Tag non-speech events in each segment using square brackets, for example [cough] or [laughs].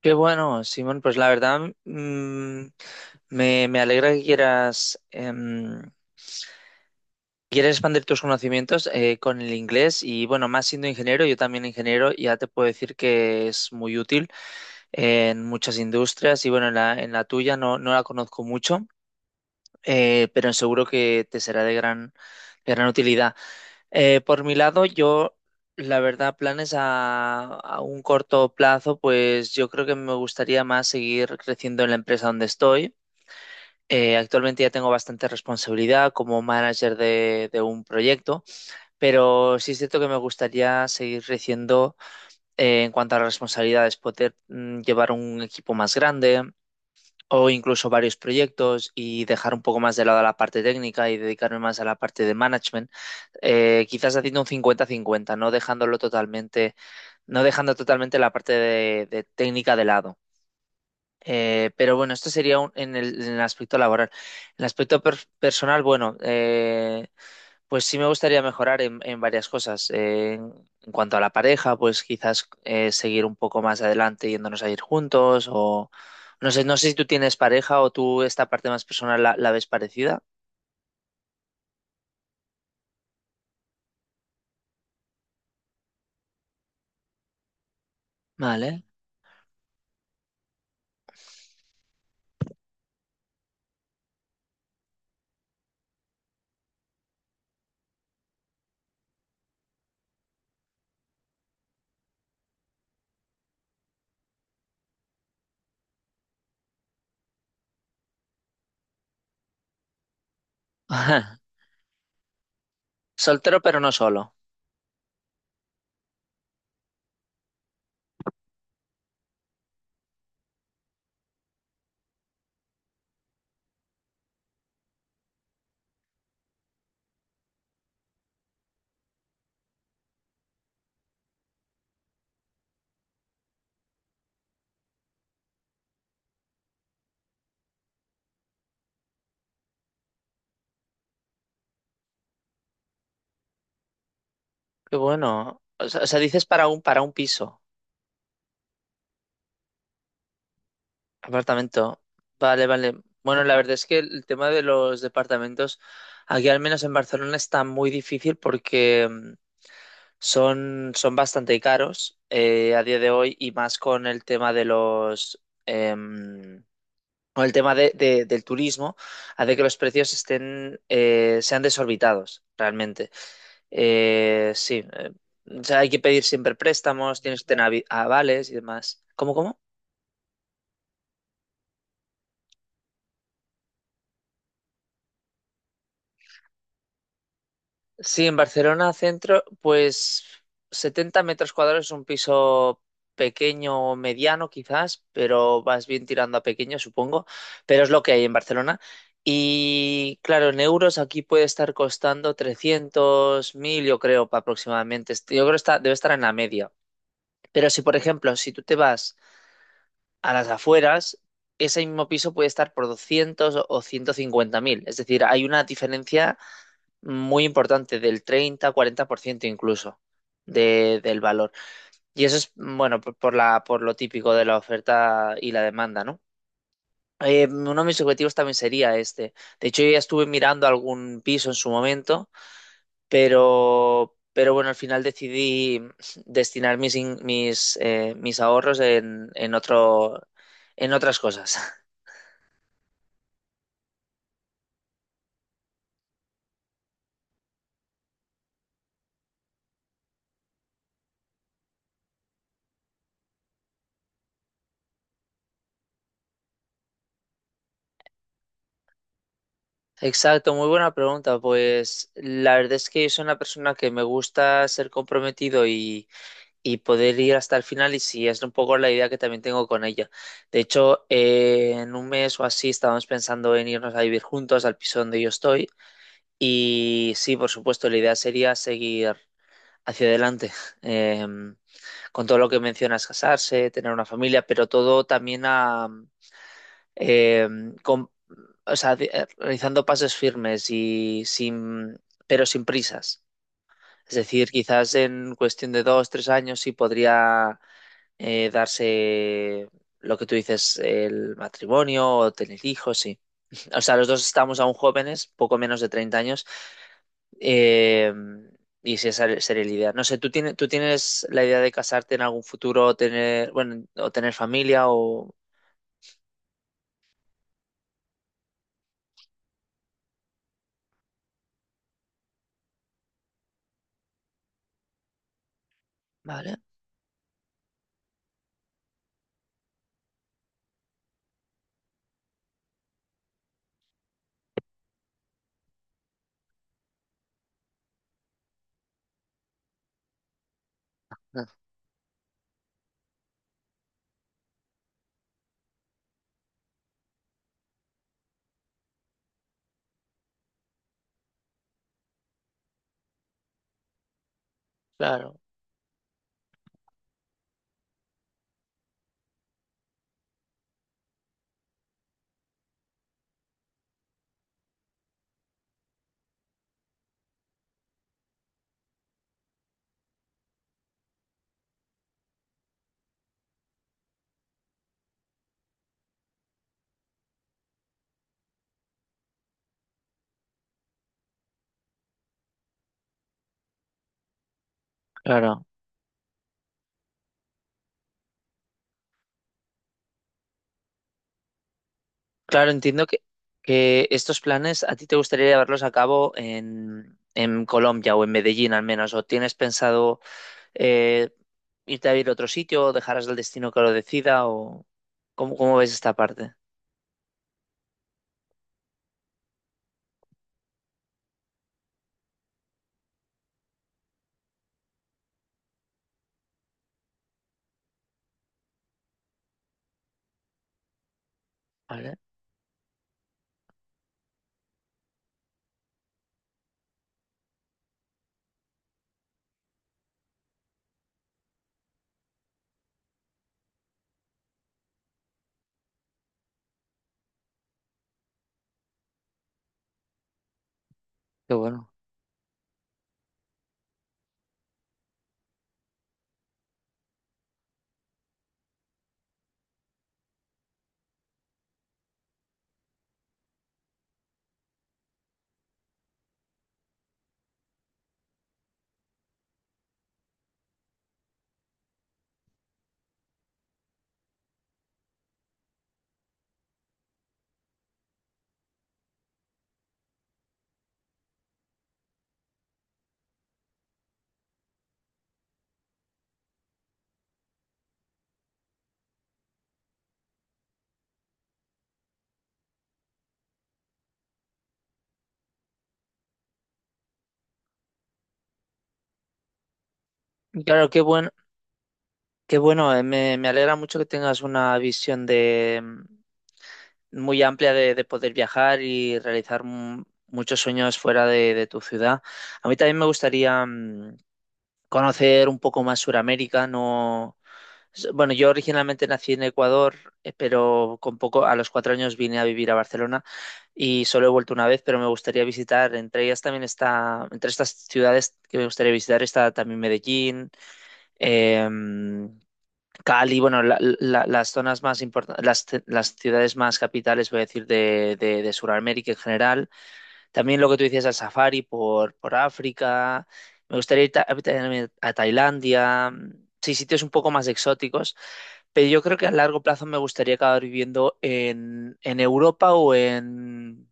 Qué bueno, Simón, pues la verdad, me alegra que quieras expandir tus conocimientos con el inglés y bueno, más siendo ingeniero, yo también ingeniero, ya te puedo decir que es muy útil en muchas industrias y bueno, en la tuya no, no la conozco mucho, pero seguro que te será de gran utilidad. Por mi lado, yo, la verdad, planes a, un corto plazo, pues yo creo que me gustaría más seguir creciendo en la empresa donde estoy. Actualmente ya tengo bastante responsabilidad como manager de un proyecto, pero sí es cierto que me gustaría seguir creciendo en cuanto a las responsabilidades, poder llevar un equipo más grande, o incluso varios proyectos y dejar un poco más de lado la parte técnica y dedicarme más a la parte de management, quizás haciendo un 50-50, no dejándolo totalmente, no dejando totalmente la parte de técnica de lado. Pero bueno, esto sería en el aspecto laboral. En el aspecto personal, bueno, pues sí me gustaría mejorar en varias cosas. En cuanto a la pareja, pues quizás, seguir un poco más adelante yéndonos a ir juntos o no sé, no sé si tú tienes pareja o tú esta parte más personal la ves parecida. Vale. [laughs] Soltero pero no solo. Qué bueno. O sea, dices para un, piso, apartamento. Vale, vale. Bueno, la verdad es que el tema de los departamentos aquí al menos en Barcelona está muy difícil porque son bastante caros, a día de hoy, y más con el tema de los, em, con el tema del turismo, hace que los precios estén sean desorbitados realmente. Sí, o sea, hay que pedir siempre préstamos, tienes que tener avales y demás. ¿Cómo, cómo? Sí, en Barcelona centro, pues 70 m² es un piso pequeño o mediano quizás, pero vas bien tirando a pequeño, supongo, pero es lo que hay en Barcelona. Y claro, en euros aquí puede estar costando 300.000, yo creo, aproximadamente. Yo creo que está, debe estar en la media. Pero si, por ejemplo, si tú te vas a las afueras, ese mismo piso puede estar por 200 o 150.000. Es decir, hay una diferencia muy importante, del 30-40%, incluso del valor. Y eso es, bueno, por lo típico de la oferta y la demanda, ¿no? Uno de mis objetivos también sería este. De hecho, yo ya estuve mirando algún piso en su momento, pero bueno, al final decidí destinar mis ahorros en otras cosas. [laughs] Exacto, muy buena pregunta. Pues la verdad es que yo soy una persona que me gusta ser comprometido y poder ir hasta el final, y si es un poco la idea que también tengo con ella. De hecho, en un mes o así estábamos pensando en irnos a vivir juntos al piso donde yo estoy, y sí, por supuesto, la idea sería seguir hacia adelante. [laughs] eh, con todo lo que mencionas, casarse, tener una familia, pero todo también eh, con- o sea, realizando pasos firmes y sin, pero sin prisas. Es decir, quizás en cuestión de 2, 3 años sí podría, darse lo que tú dices, el matrimonio o tener hijos, sí. [laughs] O sea, los dos estamos aún jóvenes, poco menos de 30 años, eh, y sí, esa sería la idea. No sé, ¿tú tienes la idea de casarte en algún futuro, o tener, bueno, o tener familia o...? Vale, no, claro, claro. Claro, entiendo que, estos planes a ti te gustaría llevarlos a cabo en Colombia o en Medellín al menos, o tienes pensado, eh, irte a vivir a otro sitio, o dejarás al destino que lo decida, o cómo, ¿cómo ves esta parte? Vale, qué bueno. Y claro, qué bueno, me alegra mucho que tengas una visión, de muy amplia, de poder viajar y realizar muchos sueños fuera de tu ciudad. A mí también me gustaría, conocer un poco más Suramérica, no. Bueno, yo originalmente nací en Ecuador, pero con poco, a los 4 años vine a vivir a Barcelona, y solo he vuelto una vez, pero me gustaría visitar, entre ellas también está, entre estas ciudades que me gustaría visitar está también Medellín, em, Cali, bueno, las zonas más importantes, las ciudades más capitales, voy a decir, de Sudamérica en general. También lo que tú decías, al safari por África. Me gustaría ir a Tailandia, sí, sitios un poco más exóticos. Pero yo creo que a largo plazo me gustaría acabar viviendo en Europa o en...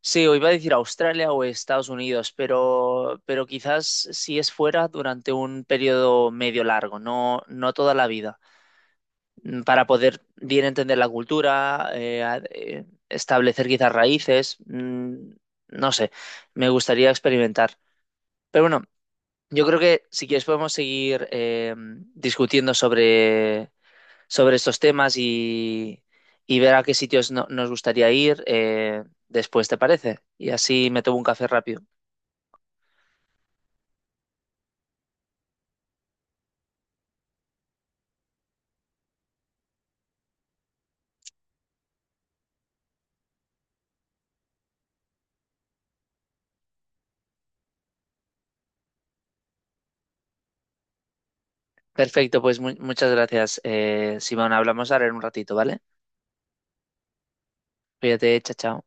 Sí, o iba a decir Australia o Estados Unidos, pero, quizás si es fuera durante un periodo medio largo, no, no toda la vida. Para poder bien entender la cultura, establecer quizás raíces. No sé, me gustaría experimentar. Pero bueno, yo creo que si quieres podemos seguir, discutiendo sobre estos temas, y ver a qué sitios nos gustaría ir, después, ¿te parece? Y así me tomo un café rápido. Perfecto, pues muchas gracias, Simón. Hablamos ahora en un ratito, ¿vale? Cuídate, chao, chao.